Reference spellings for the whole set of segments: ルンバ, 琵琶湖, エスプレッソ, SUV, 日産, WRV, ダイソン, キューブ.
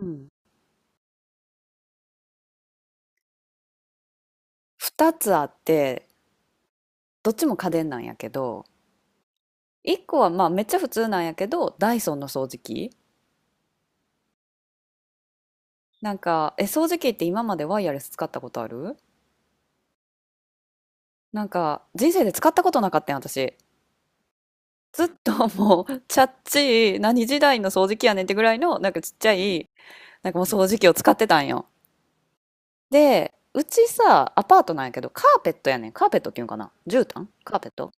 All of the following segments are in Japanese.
うん2つあって、どっちも家電なんやけど、1個はまあめっちゃ普通なんやけど、ダイソンの掃除機。なんかえ掃除機って今までワイヤレス使ったことある？人生で使ったことなかったん、私。ずっともうチャッチー何時代の掃除機やねんってぐらいの、ちっちゃいもう掃除機を使ってたんよ。で、うちさ、アパートなんやけどカーペットやねん。カーペットっていうんかな、絨毯カーペット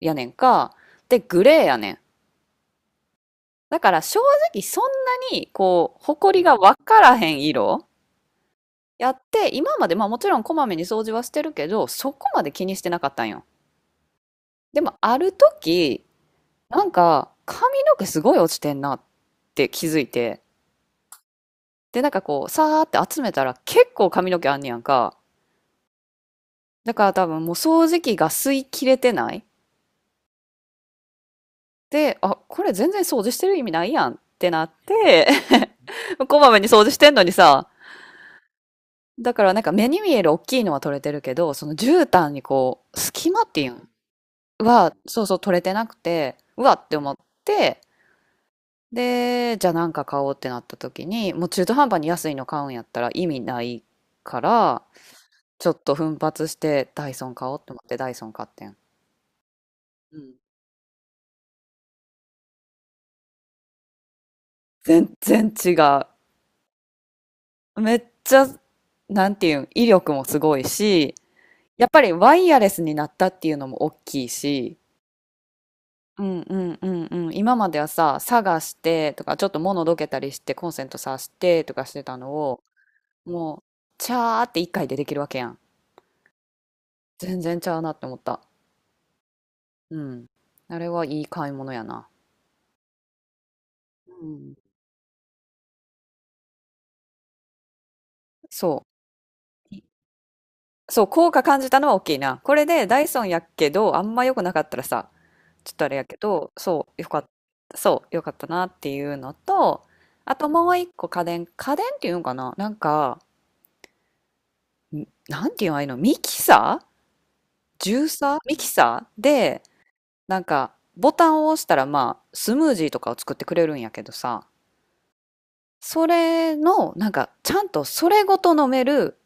やねんか。でグレーやねん。だから正直そんなにこう、埃が分からへん色やって、今までまあもちろんこまめに掃除はしてるけど、そこまで気にしてなかったんよ。でもある時、髪の毛すごい落ちてんなって気づいて、で、さーって集めたら結構髪の毛あんねやんか。だから多分もう掃除機が吸い切れてない。で、あ、これ全然掃除してる意味ないやんってなって、 こまめに掃除してんのにさ、だから目に見える大きいのは取れてるけど、その絨毯にこう、隙間っていうんは、そうそう取れてなくて、うわって思って、で、じゃあ買おうってなった時に、もう中途半端に安いの買うんやったら意味ないから、ちょっと奮発してダイソン買おうって思ってダイソン買ってん。うん。全然違う。めっちゃ、なんていうん、威力もすごいし、やっぱりワイヤレスになったっていうのも大きいし、うん。今まではさ、探してとか、ちょっと物どけたりして、コンセント挿してとかしてたのを、もう、チャーって一回でできるわけやん。全然ちゃうなって思った。うん。あれはいい買い物やな。うん。そう。そう、効果感じたのは大きいな。これでダイソンやけど、あんま良くなかったらさ、ちょっとあれやけど、そう、よかったなっていうのと、あともう一個家電、家電っていうのかな、なんか、んなんていうのああいうの、ミキサー、ジューサーミキサーで、ボタンを押したら、まあ、スムージーとかを作ってくれるんやけどさ、それの、ちゃんとそれごと飲める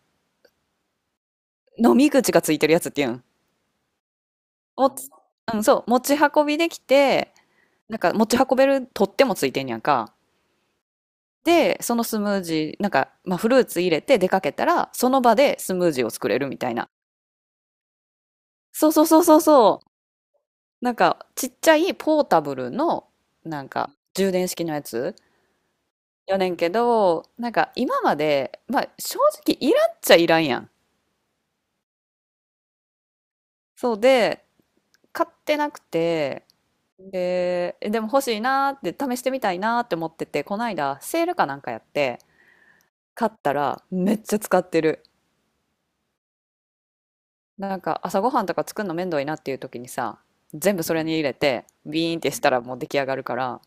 飲み口がついてるやつっていうん。おつうん、そう、持ち運びできて、持ち運べる取っ手もついてんやんか。で、そのスムージー、まあ、フルーツ入れて出かけたら、その場でスムージーを作れるみたいな。そうそうそうそうそう。ちっちゃいポータブルの、なんか、充電式のやつよね年けど、今まで、まあ正直いらんっちゃいらんやん。そうで、買ってなくて、で、でも欲しいなーって試してみたいなーって思ってて、こないだセールかなんかやって、買ったらめっちゃ使ってる。朝ごはんとか作るの面倒いなっていう時にさ、全部それに入れて、ビーンってしたらもう出来上がるから、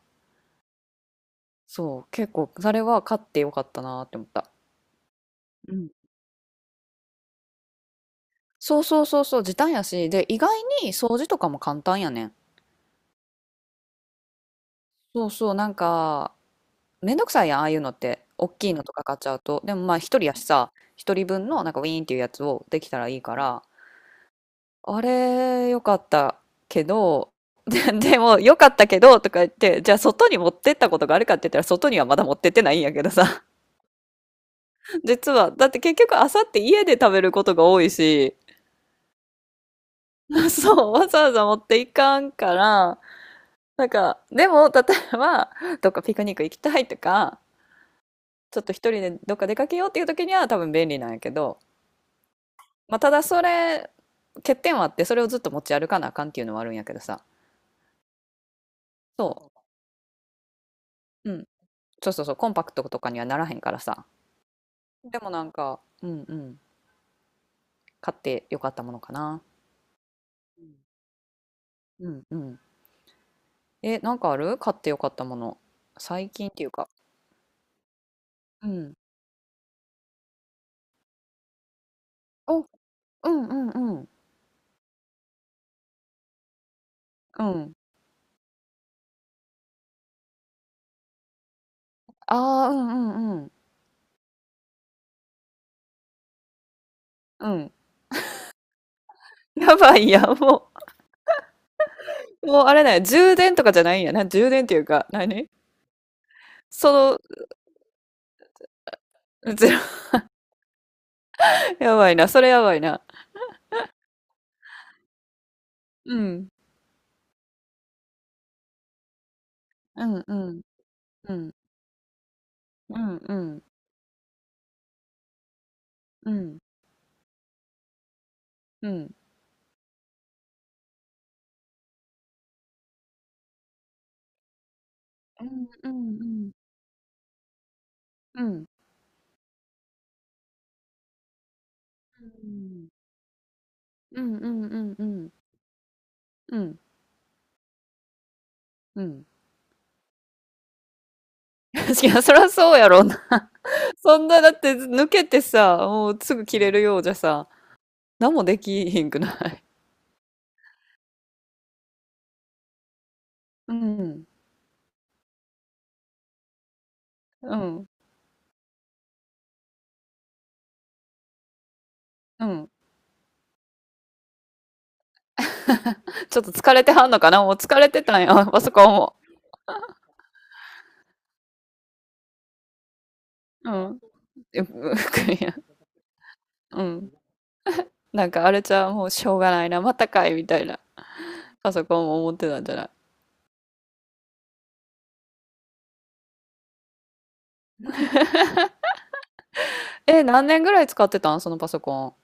そう、結構それは買ってよかったなーって思った。うん。そうそうそうそう、時短やし、で、意外に掃除とかも簡単やねん。そうそう、めんどくさいやん、ああいうのって。大きいのとか買っちゃうと。でもまあ、一人やしさ、一人分のなんかウィーンっていうやつをできたらいいから、あれ、よかったけど、で、でも、よかったけど、とか言って、じゃあ外に持ってったことがあるかって言ったら、外にはまだ持ってってないんやけどさ。実は、だって結局、あさって家で食べることが多いし、そう、わざわざ持っていかんから、でも、例えば、どっかピクニック行きたいとか、ちょっと一人でどっか出かけようっていう時には多分便利なんやけど、まあ、ただそれ欠点はあって、それをずっと持ち歩かなあかんっていうのはあるんやけどさ。そう。うん。そうそうそう、コンパクトとかにはならへんからさ。でも買ってよかったものかな。うんうんえ、なんかある買ってよかったもの、最近っていうか。うんお。うんうんうんうんああー、うんうんうん やばいやん、もう。もうあれだよ、充電とかじゃないんやな。充電っていうか何。その うん、ゼロ、やばいな、それやばいな。うん。うん、うん、うん、うん、うん、うん、うん、うん、うん、うん、うん、うん、うん、うん、うん、うん、うん。確かに、そりゃそうやろうな。そんな、だって抜けてさ、もうすぐ切れるようじゃさ、何もできひんくな。うん、うん、うん。ちょっと疲れてはんのかな、もう疲れてたんや、あそこも。うん。え。 うん。なんかあれじゃう、もうしょうがないな、またかい、みたいな。パソコンも持ってたんじゃない。え、何年ぐらい使ってたん、そのパソコン。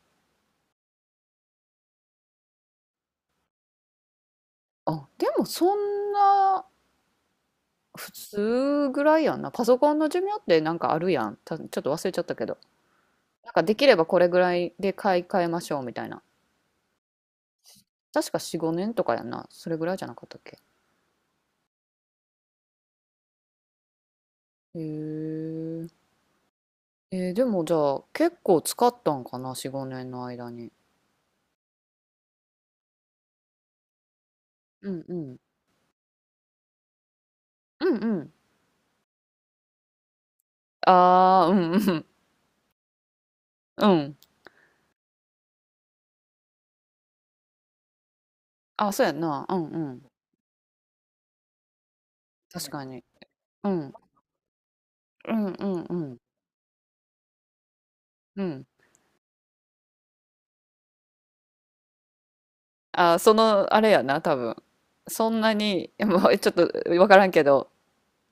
あ、でもそんな普通ぐらいやんな。パソコンの寿命ってなんかあるやん。たちょっと忘れちゃったけど。なんかできればこれぐらいで買い替えましょうみたいな。確か4、5年とかやんな。それぐらいじゃなかったっけ。へえ。えー、でもじゃあ結構使ったんかな、4、5年の間に。うんうん。うんうん。ああ、うんうん。うん。あ、そうやんな。うんうん。確かに。うん。うんうんうん。うん。あ、その、あれやな、多分。そんなに、もうちょっとわからんけど、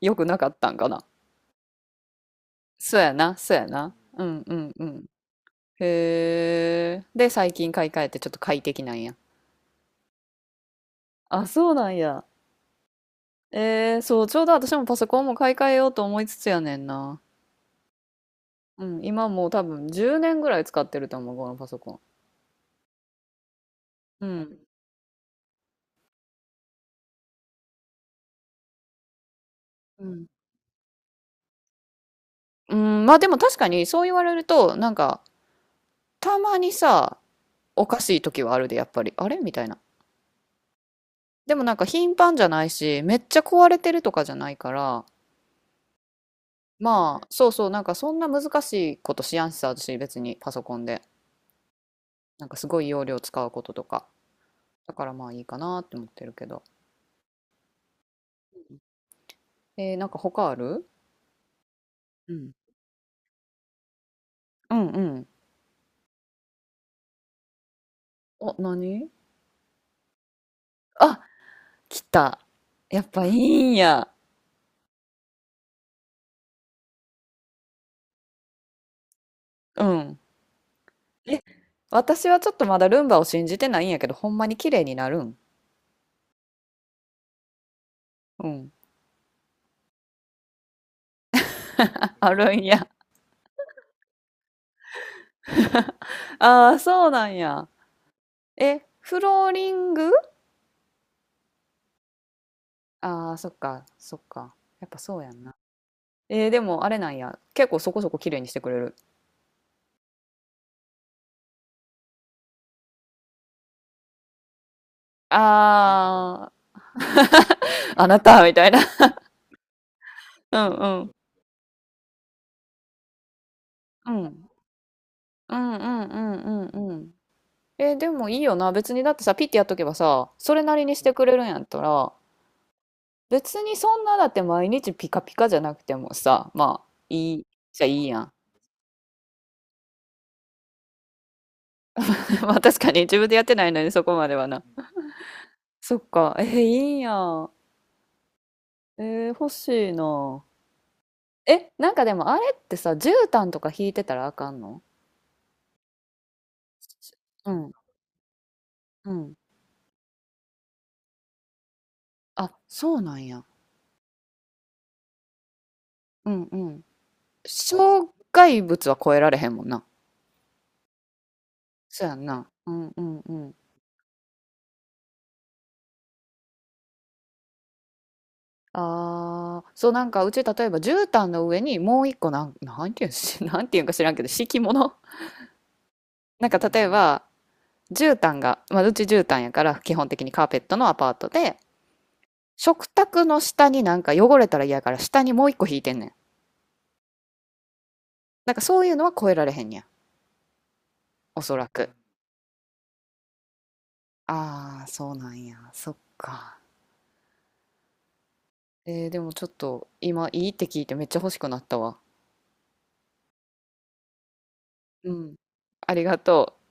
良くなかったんかな。そうやな、そうやな。うんうんうん。へえ。で、最近買い替えてちょっと快適なんや。あ、そうなんや。えー、そう、ちょうど私もパソコンも買い替えようと思いつつやねんな。うん、今もう多分10年ぐらい使ってると思う、このパソコン。うん。うん。うん、まあでも確かにそう言われると、なんか、たまにさ、おかしい時はあるで、やっぱり。あれみたいな。でもなんか頻繁じゃないし、めっちゃ壊れてるとかじゃないから、まあ、そうそう、なんかそんな難しいことしやんしさ、私別にパソコンで。なんかすごい容量使うこととか。だからまあいいかなって思ってるけど。えー、なんか他ある？うん。うんうん。お、何？あ、来た。やっぱいいんや。うん。え、私はちょっとまだルンバを信じてないんやけど、ほんまに綺麗になるん？うん。あるんや。ああ、そうなんや。え、フローリング？ああ、そっか、そっか。やっぱそうやんな。えー、でもあれなんや。結構そこそこ綺麗にしてくれる。ああ、あなたみたいな。うんうん。うん。うんうんうんうんうん。えー、でもいいよな。別にだってさ、ピッてやっとけばさ、それなりにしてくれるんやったら、別にそんなだって毎日ピカピカじゃなくてもさ、まあ、いい、じゃいいやん。まあ確かに自分でやってないのにそこまではな。そっか。えー、いいやん。えー、欲しいな。え、なんかでもあれってさ、絨毯とか引いてたらあかんの？うん、うん。あ、そうなんや。うんうん。障害物は超えられへんもんな。そうやんな。うんうんうん。ああ、そうなんか、うち例えば絨毯の上にもう一個なん、なんていうんし、なんていうんか知らんけど敷物。なんか例えば絨毯が、まあ、うち絨毯やから基本的にカーペットのアパートで、食卓の下になんか汚れたら嫌やから下にもう一個引いてんねん。なんかそういうのは超えられへんねや。おそらく。ああ、そうなんや。そっか。えーでもちょっと今いいって聞いてめっちゃ欲しくなったわ。うん。ありがとう。